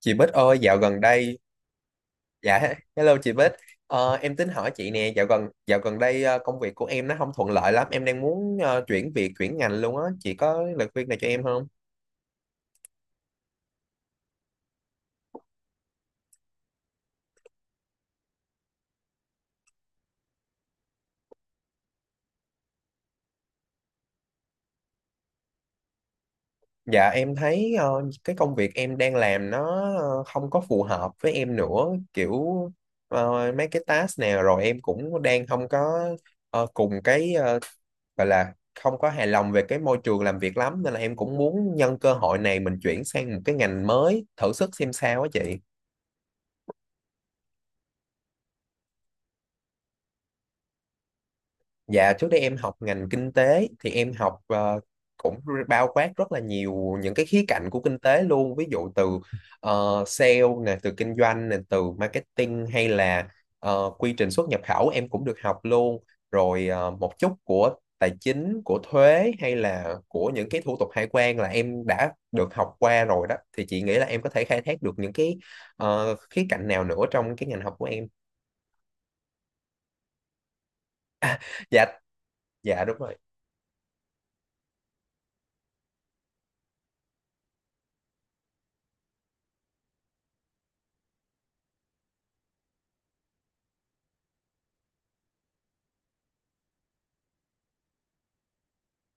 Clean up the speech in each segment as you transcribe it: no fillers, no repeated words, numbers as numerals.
Chị Bích ơi, dạo gần đây, dạ, hello chị Bích. Em tính hỏi chị nè, dạo gần đây công việc của em nó không thuận lợi lắm, em đang muốn chuyển việc, chuyển ngành luôn á, chị có lời khuyên này cho em không? Dạ, em thấy cái công việc em đang làm nó không có phù hợp với em nữa, kiểu mấy cái task nào rồi em cũng đang không có cùng cái gọi là không có hài lòng về cái môi trường làm việc lắm, nên là em cũng muốn nhân cơ hội này mình chuyển sang một cái ngành mới, thử sức xem sao á chị. Dạ trước đây em học ngành kinh tế thì em học cũng bao quát rất là nhiều những cái khía cạnh của kinh tế luôn, ví dụ từ sale nè, từ kinh doanh nè, từ marketing hay là quy trình xuất nhập khẩu em cũng được học luôn, rồi một chút của tài chính, của thuế hay là của những cái thủ tục hải quan là em đã được học qua rồi đó, thì chị nghĩ là em có thể khai thác được những cái khía cạnh nào nữa trong cái ngành học của em. Dạ dạ đúng rồi.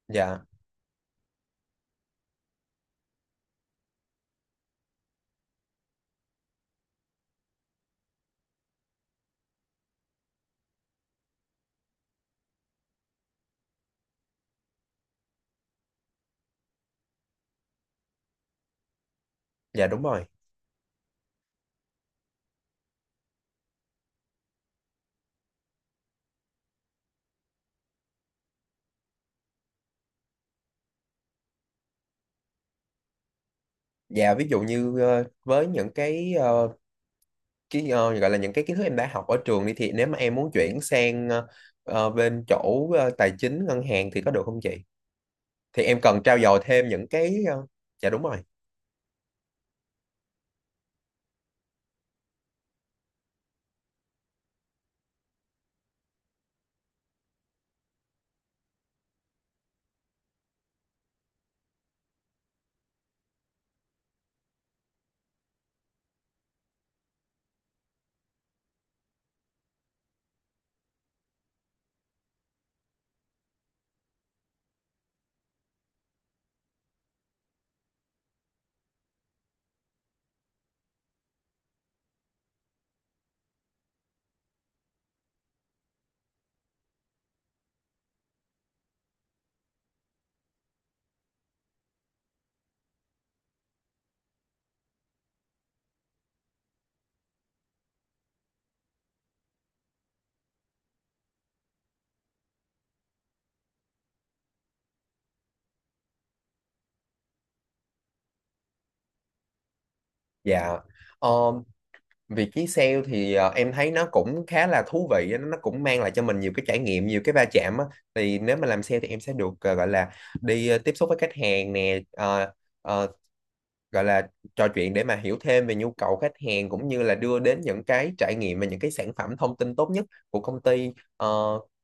Dạ dạ đúng rồi. Dạ ví dụ như với những cái cái gọi là những cái kiến thức em đã học ở trường đi, thì nếu mà em muốn chuyển sang bên chỗ tài chính ngân hàng thì có được không chị? Thì em cần trau dồi thêm những cái dạ đúng rồi. Dạ. Ờ, Việc ký sale thì em thấy nó cũng khá là thú vị á, nó cũng mang lại cho mình nhiều cái trải nghiệm, nhiều cái va chạm á. Thì nếu mà làm sale thì em sẽ được gọi là đi tiếp xúc với khách hàng nè, ờ, gọi là trò chuyện để mà hiểu thêm về nhu cầu khách hàng, cũng như là đưa đến những cái trải nghiệm và những cái sản phẩm thông tin tốt nhất của công ty, ờ,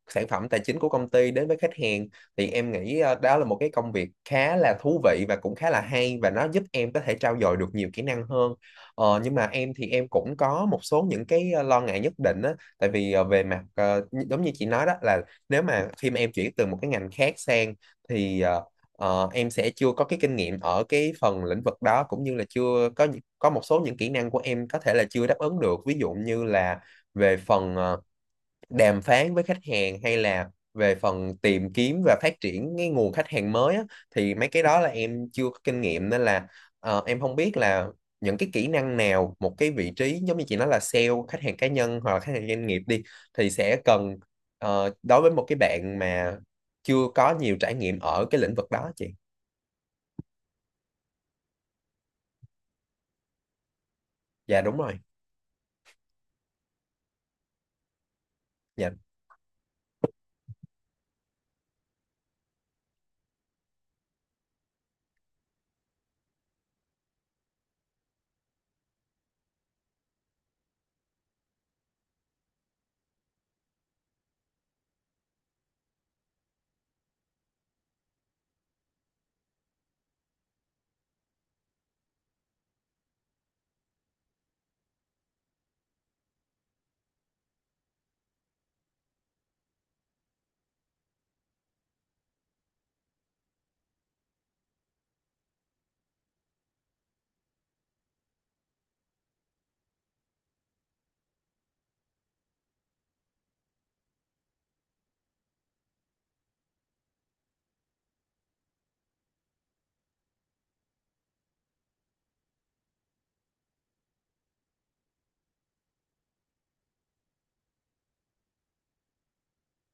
sản phẩm tài chính của công ty đến với khách hàng. Thì em nghĩ đó là một cái công việc khá là thú vị và cũng khá là hay, và nó giúp em có thể trau dồi được nhiều kỹ năng hơn. Nhưng mà em thì em cũng có một số những cái lo ngại nhất định á, tại vì về mặt giống như chị nói đó là nếu mà khi mà em chuyển từ một cái ngành khác sang thì em sẽ chưa có cái kinh nghiệm ở cái phần lĩnh vực đó, cũng như là chưa có những- có một số những kỹ năng của em có thể là chưa đáp ứng được, ví dụ như là về phần đàm phán với khách hàng, hay là về phần tìm kiếm và phát triển cái nguồn khách hàng mới á, thì mấy cái đó là em chưa có kinh nghiệm, nên là em không biết là những cái kỹ năng nào một cái vị trí giống như chị nói là sale khách hàng cá nhân hoặc là khách hàng doanh nghiệp đi thì sẽ cần, đối với một cái bạn mà chưa có nhiều trải nghiệm ở cái lĩnh vực đó chị. Dạ đúng rồi. Dạ,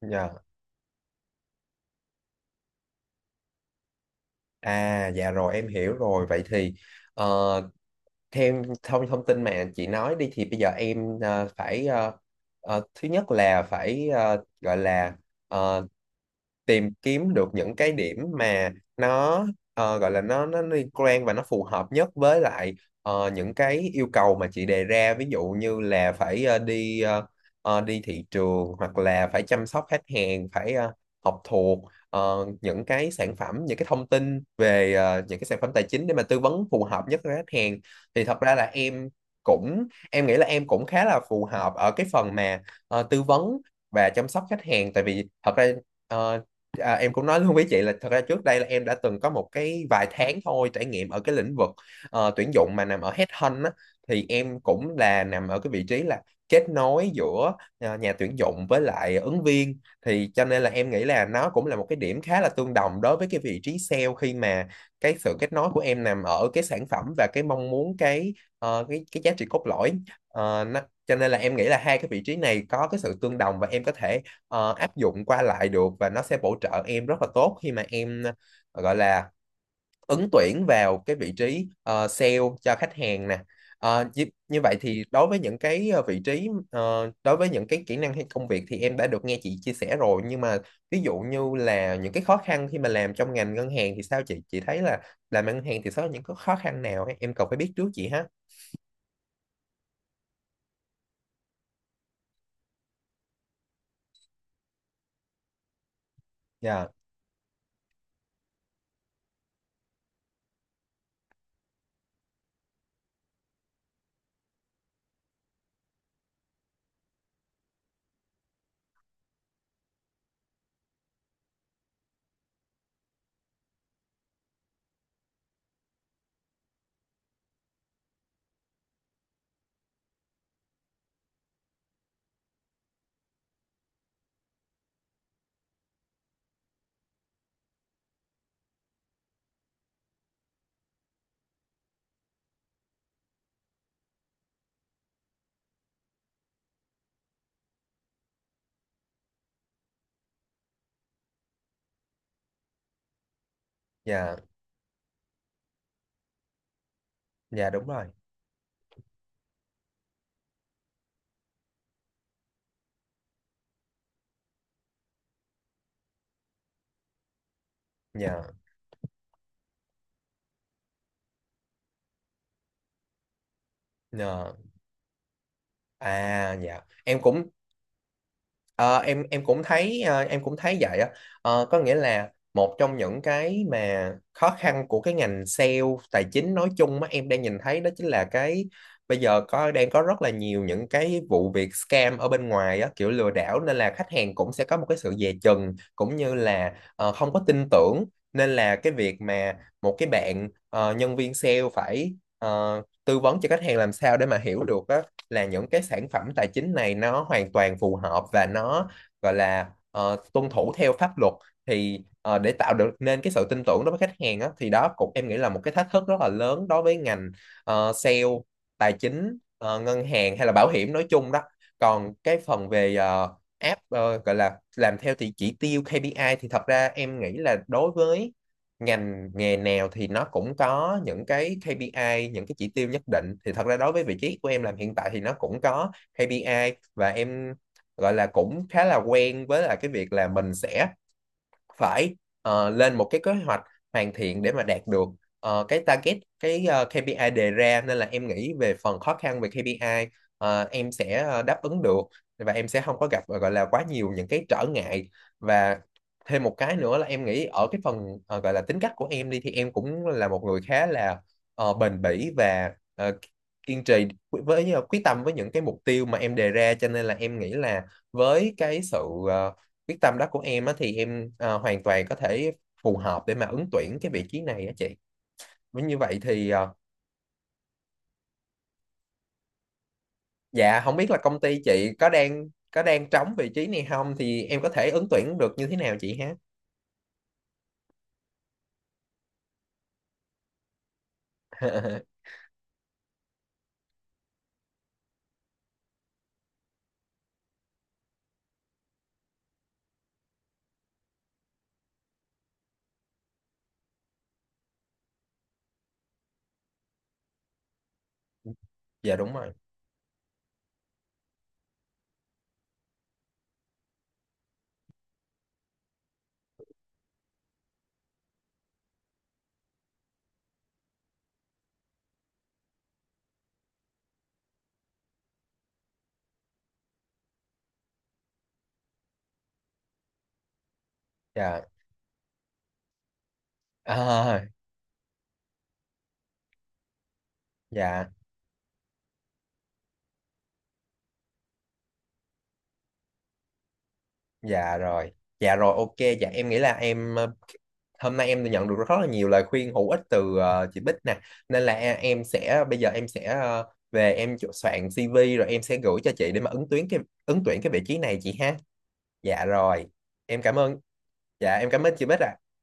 dạ. À dạ rồi em hiểu rồi. Vậy thì ờ, theo thông thông tin mà chị nói đi thì bây giờ em phải thứ nhất là phải gọi là ờ, tìm kiếm được những cái điểm mà nó gọi là nó liên quan và nó phù hợp nhất với lại những cái yêu cầu mà chị đề ra, ví dụ như là phải đi đi thị trường, hoặc là phải chăm sóc khách hàng, phải học thuộc những cái sản phẩm, những cái thông tin về những cái sản phẩm tài chính để mà tư vấn phù hợp nhất với khách hàng. Thì thật ra là em cũng em nghĩ là em cũng khá là phù hợp ở cái phần mà tư vấn và chăm sóc khách hàng, tại vì thật ra ờ, À, em cũng nói luôn với chị là thật ra trước đây là em đã từng có một cái vài tháng thôi trải nghiệm ở cái lĩnh vực tuyển dụng mà nằm ở headhunt á, thì em cũng là nằm ở cái vị trí là kết nối giữa nhà tuyển dụng với lại ứng viên. Thì cho nên là em nghĩ là nó cũng là một cái điểm khá là tương đồng đối với cái vị trí sale, khi mà cái sự kết nối của em nằm ở cái sản phẩm và cái mong muốn, cái cái giá trị cốt lõi. Ờ, nó, cho nên là em nghĩ là hai cái vị trí này có cái sự tương đồng, và em có thể áp dụng qua lại được, và nó sẽ bổ trợ em rất là tốt khi mà em gọi là ứng tuyển vào cái vị trí sale cho khách hàng nè. Ờ, như, như vậy thì đối với những cái vị trí đối với những cái kỹ năng hay công việc thì em đã được nghe chị chia sẻ rồi, nhưng mà ví dụ như là những cái khó khăn khi mà làm trong ngành ngân hàng thì sao chị thấy là làm ngân hàng thì sẽ có những cái khó khăn nào ấy? Em cần phải biết trước chị ha. Dạ. Dạ. Dạ đúng rồi. Dạ. Dạ. À dạ em cũng Ờ, em cũng thấy em cũng thấy vậy á. Ờ, có nghĩa là một trong những cái mà khó khăn của cái ngành sale tài chính nói chung mà em đang nhìn thấy đó chính là cái bây giờ có đang có rất là nhiều những cái vụ việc scam ở bên ngoài á, kiểu lừa đảo, nên là khách hàng cũng sẽ có một cái sự dè chừng, cũng như là không có tin tưởng. Nên là cái việc mà một cái bạn nhân viên sale phải tư vấn cho khách hàng làm sao để mà hiểu được là những cái sản phẩm tài chính này nó hoàn toàn phù hợp và nó gọi là tuân thủ theo pháp luật, thì để tạo được nên cái sự tin tưởng đối với khách hàng á, thì đó cũng em nghĩ là một cái thách thức rất là lớn đối với ngành sale tài chính, ngân hàng hay là bảo hiểm nói chung đó. Còn cái phần về app, gọi là làm theo thì chỉ tiêu KPI, thì thật ra em nghĩ là đối với ngành nghề nào thì nó cũng có những cái KPI, những cái chỉ tiêu nhất định. Thì thật ra đối với vị trí của em làm hiện tại thì nó cũng có KPI, và em gọi là cũng khá là quen với là cái việc là mình sẽ phải lên một cái kế hoạch hoàn thiện để mà đạt được cái target, cái KPI đề ra. Nên là em nghĩ về phần khó khăn về KPI, em sẽ đáp ứng được và em sẽ không có gặp gọi là quá nhiều những cái trở ngại. Và thêm một cái nữa là em nghĩ ở cái phần gọi là tính cách của em đi thì em cũng là một người khá là bền bỉ và kiên trì với, quyết tâm với những cái mục tiêu mà em đề ra, cho nên là em nghĩ là với cái sự ờ, quyết tâm đó của em á, thì em hoàn toàn có thể phù hợp để mà ứng tuyển cái vị trí này á chị. Với như vậy thì dạ không biết là công ty chị có đang trống vị trí này không, thì em có thể ứng tuyển được như thế nào chị ha? Dạ đúng rồi. Dạ. À, dạ. Dạ rồi. Dạ rồi, ok, dạ em nghĩ là em hôm nay em đã nhận được rất là nhiều lời khuyên hữu ích từ chị Bích nè, nên là em sẽ bây giờ em sẽ về em soạn CV rồi em sẽ gửi cho chị để mà ứng tuyển cái vị trí này chị ha. Dạ rồi, em cảm ơn. Dạ em cảm ơn chị Bích ạ.